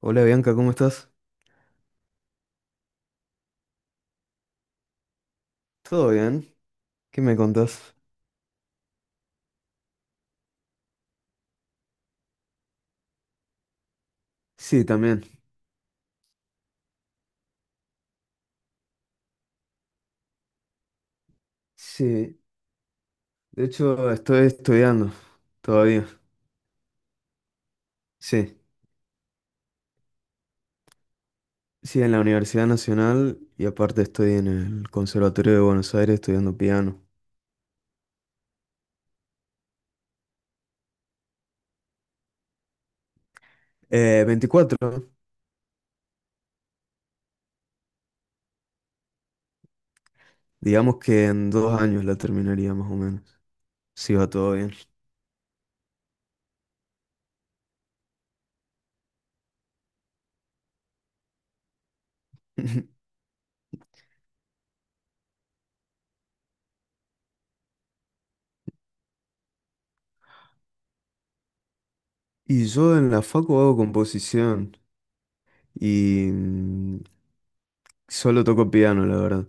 Hola Bianca, ¿cómo estás? ¿Todo bien? ¿Qué me contás? Sí, también. Sí, de hecho estoy estudiando todavía. Sí, sí, en la Universidad Nacional y aparte estoy en el Conservatorio de Buenos Aires estudiando piano. 24, digamos que en dos años la terminaría más o menos, si va todo bien. Y yo en la facu hago composición y solo toco piano, la verdad.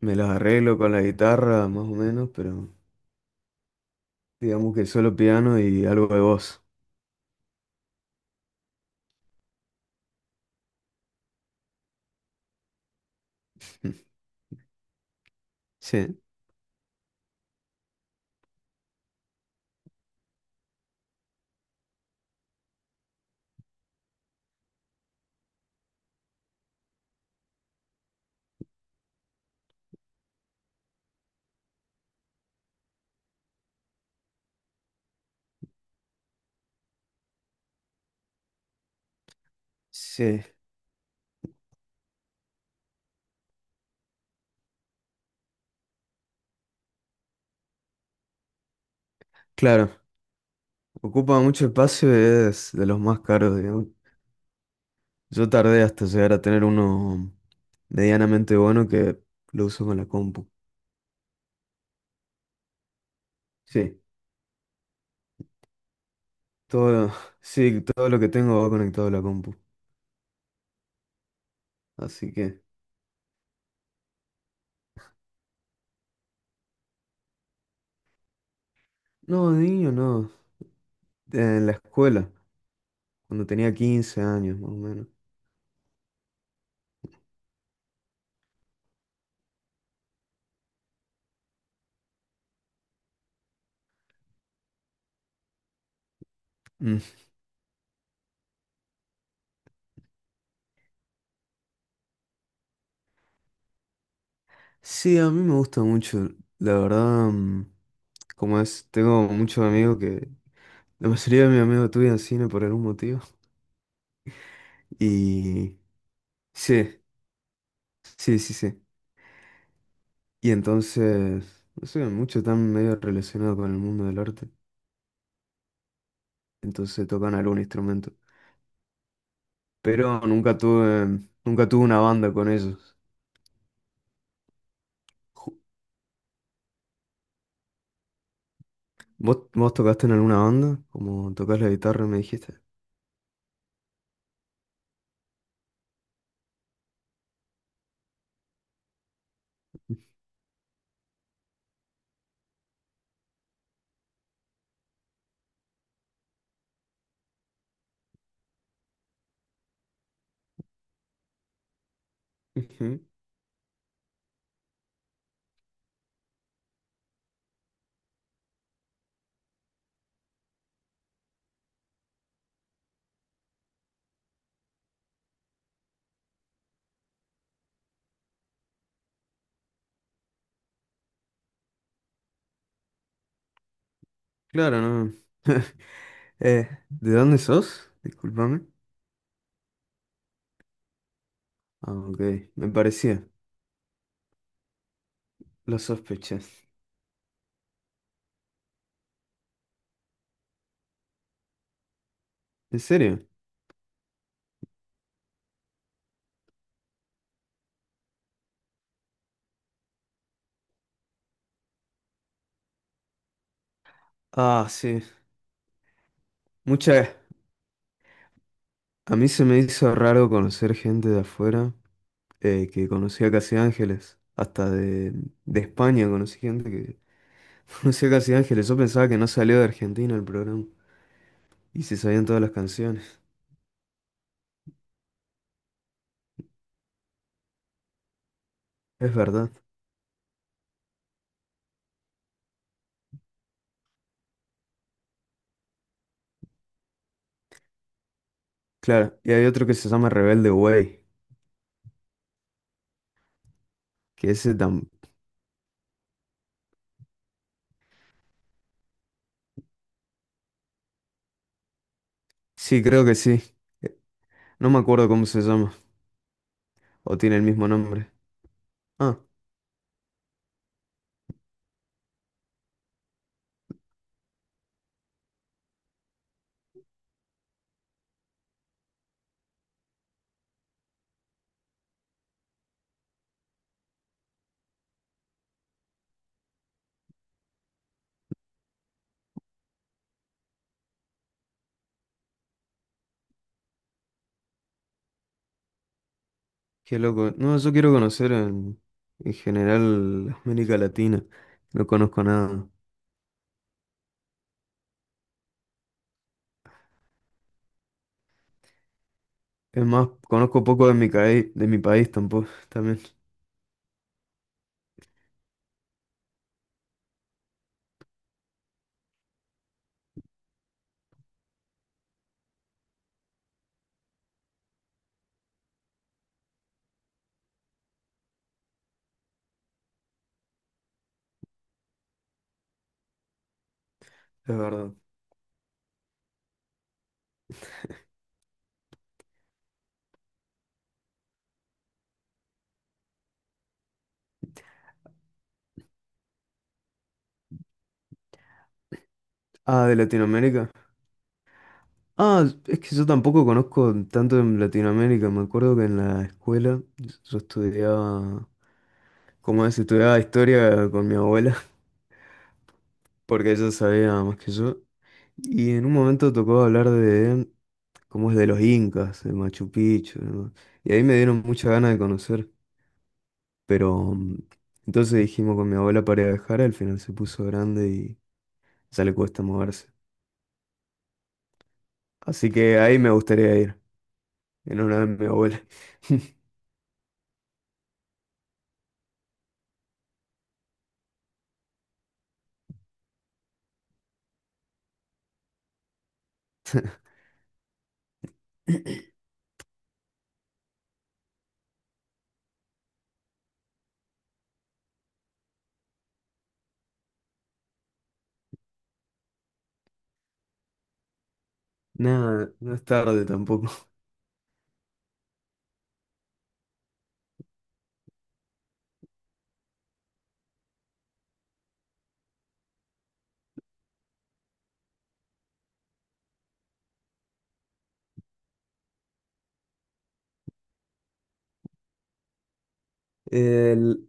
Me las arreglo con la guitarra, más o menos, pero... Digamos que solo piano y algo de voz. Sí, sí, claro. Ocupa mucho espacio y es de los más caros, digamos. Yo tardé hasta llegar a tener uno medianamente bueno que lo uso con la compu. Sí, todo, sí, todo lo que tengo va conectado a la compu. Así que, no, de niño, no. En la escuela, cuando tenía 15 años, más o menos. Sí, a mí me gusta mucho, la verdad, como es, tengo muchos amigos que, la mayoría de mis amigos estudian cine por algún motivo, y sí, sí, sí, sí, y entonces, no sé, muchos están medio relacionados con el mundo del arte, entonces tocan algún instrumento, pero nunca tuve una banda con ellos. Ju- ¿vos tocaste en alguna banda? Como tocas la guitarra, me dijiste. Ujú. Claro, no. ¿De dónde sos? Discúlpame. Ah, ok, me parecía. Lo sospeché. ¿En serio? Ah, sí. Muchas. A mí se me hizo raro conocer gente de afuera que conocía casi ángeles. Hasta de España conocí gente que conocía casi ángeles. Yo pensaba que no salió de Argentina el programa. Y se sabían todas las canciones. Es verdad. Claro, y hay otro que se llama Rebelde Way. Que ese tan... Sí, creo que sí. No me acuerdo cómo se llama. O tiene el mismo nombre. Ah. Qué loco. No, yo quiero conocer en general América Latina. No conozco nada. Es más, conozco poco de de mi país tampoco, también, es verdad. Ah, de Latinoamérica. Ah, es que yo tampoco conozco tanto en Latinoamérica. Me acuerdo que en la escuela yo estudiaba, como es, estudiaba historia con mi abuela, porque ella sabía más que yo. Y en un momento tocó hablar de cómo es de los incas, de Machu Picchu, ¿no? Y ahí me dieron mucha ganas de conocer. Pero entonces dijimos con mi abuela para ir a dejar, al final se puso grande y ya le cuesta moverse. Así que ahí me gustaría ir, en una de mi abuela. Nada, no es tarde tampoco. El-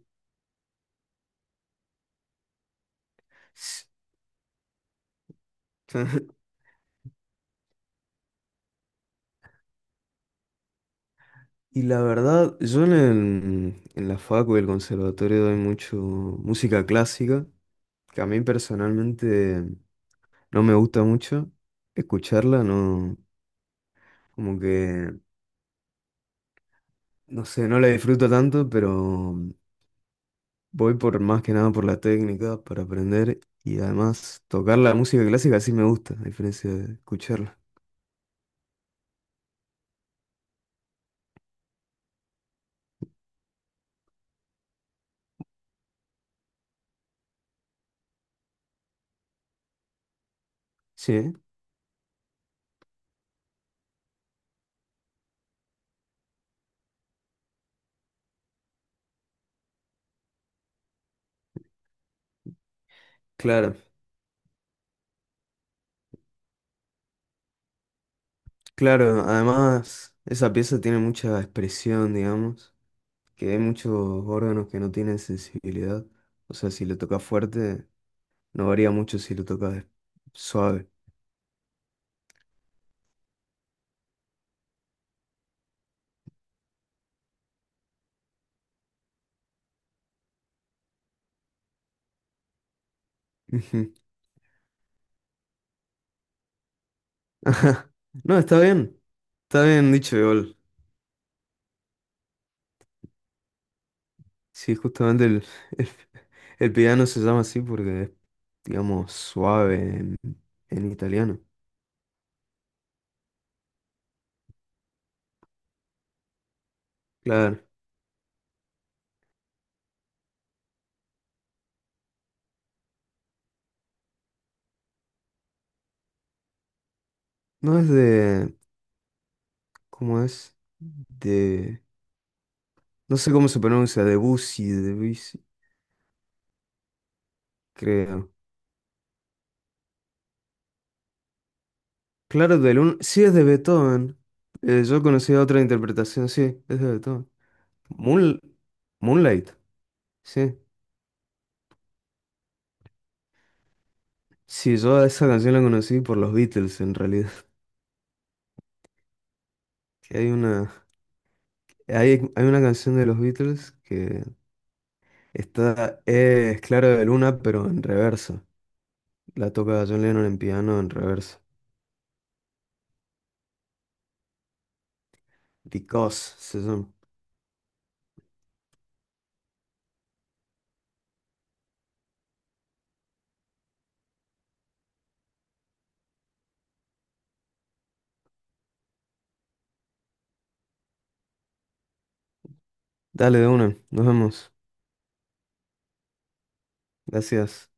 Y la verdad, yo en la facu y el conservatorio doy mucho música clásica, que a mí personalmente no me gusta mucho escucharla, no, como que, no sé, no la disfruto tanto, pero mm, voy por más que nada por la técnica para aprender y además tocar la música clásica sí me gusta, a diferencia de escucharla. Sí, claro, claro. Además, esa pieza tiene mucha expresión, digamos, que hay muchos órganos que no tienen sensibilidad. O sea, si lo tocas fuerte, no varía mucho si lo tocas suave. Ujú. Ajá. No, está bien. Está bien dicho, igual. Sí, justamente el, el piano se llama así porque es, digamos, suave en italiano. Claro. No es de... ¿Cómo es? De... No sé cómo se pronuncia, Debussy, creo. Claro, del un... sí es de Beethoven. Yo conocí otra interpretación, sí, es de Beethoven. Moon... Moonlight, sí. Sí, yo a esa canción la conocí por los Beatles en realidad. Que hay una... hay una canción de los Beatles que esta es Clara de Luna, pero en reverso. La toca John Lennon en piano en reverso. Because, se llama. Dale de una, nos vemos. Gracias.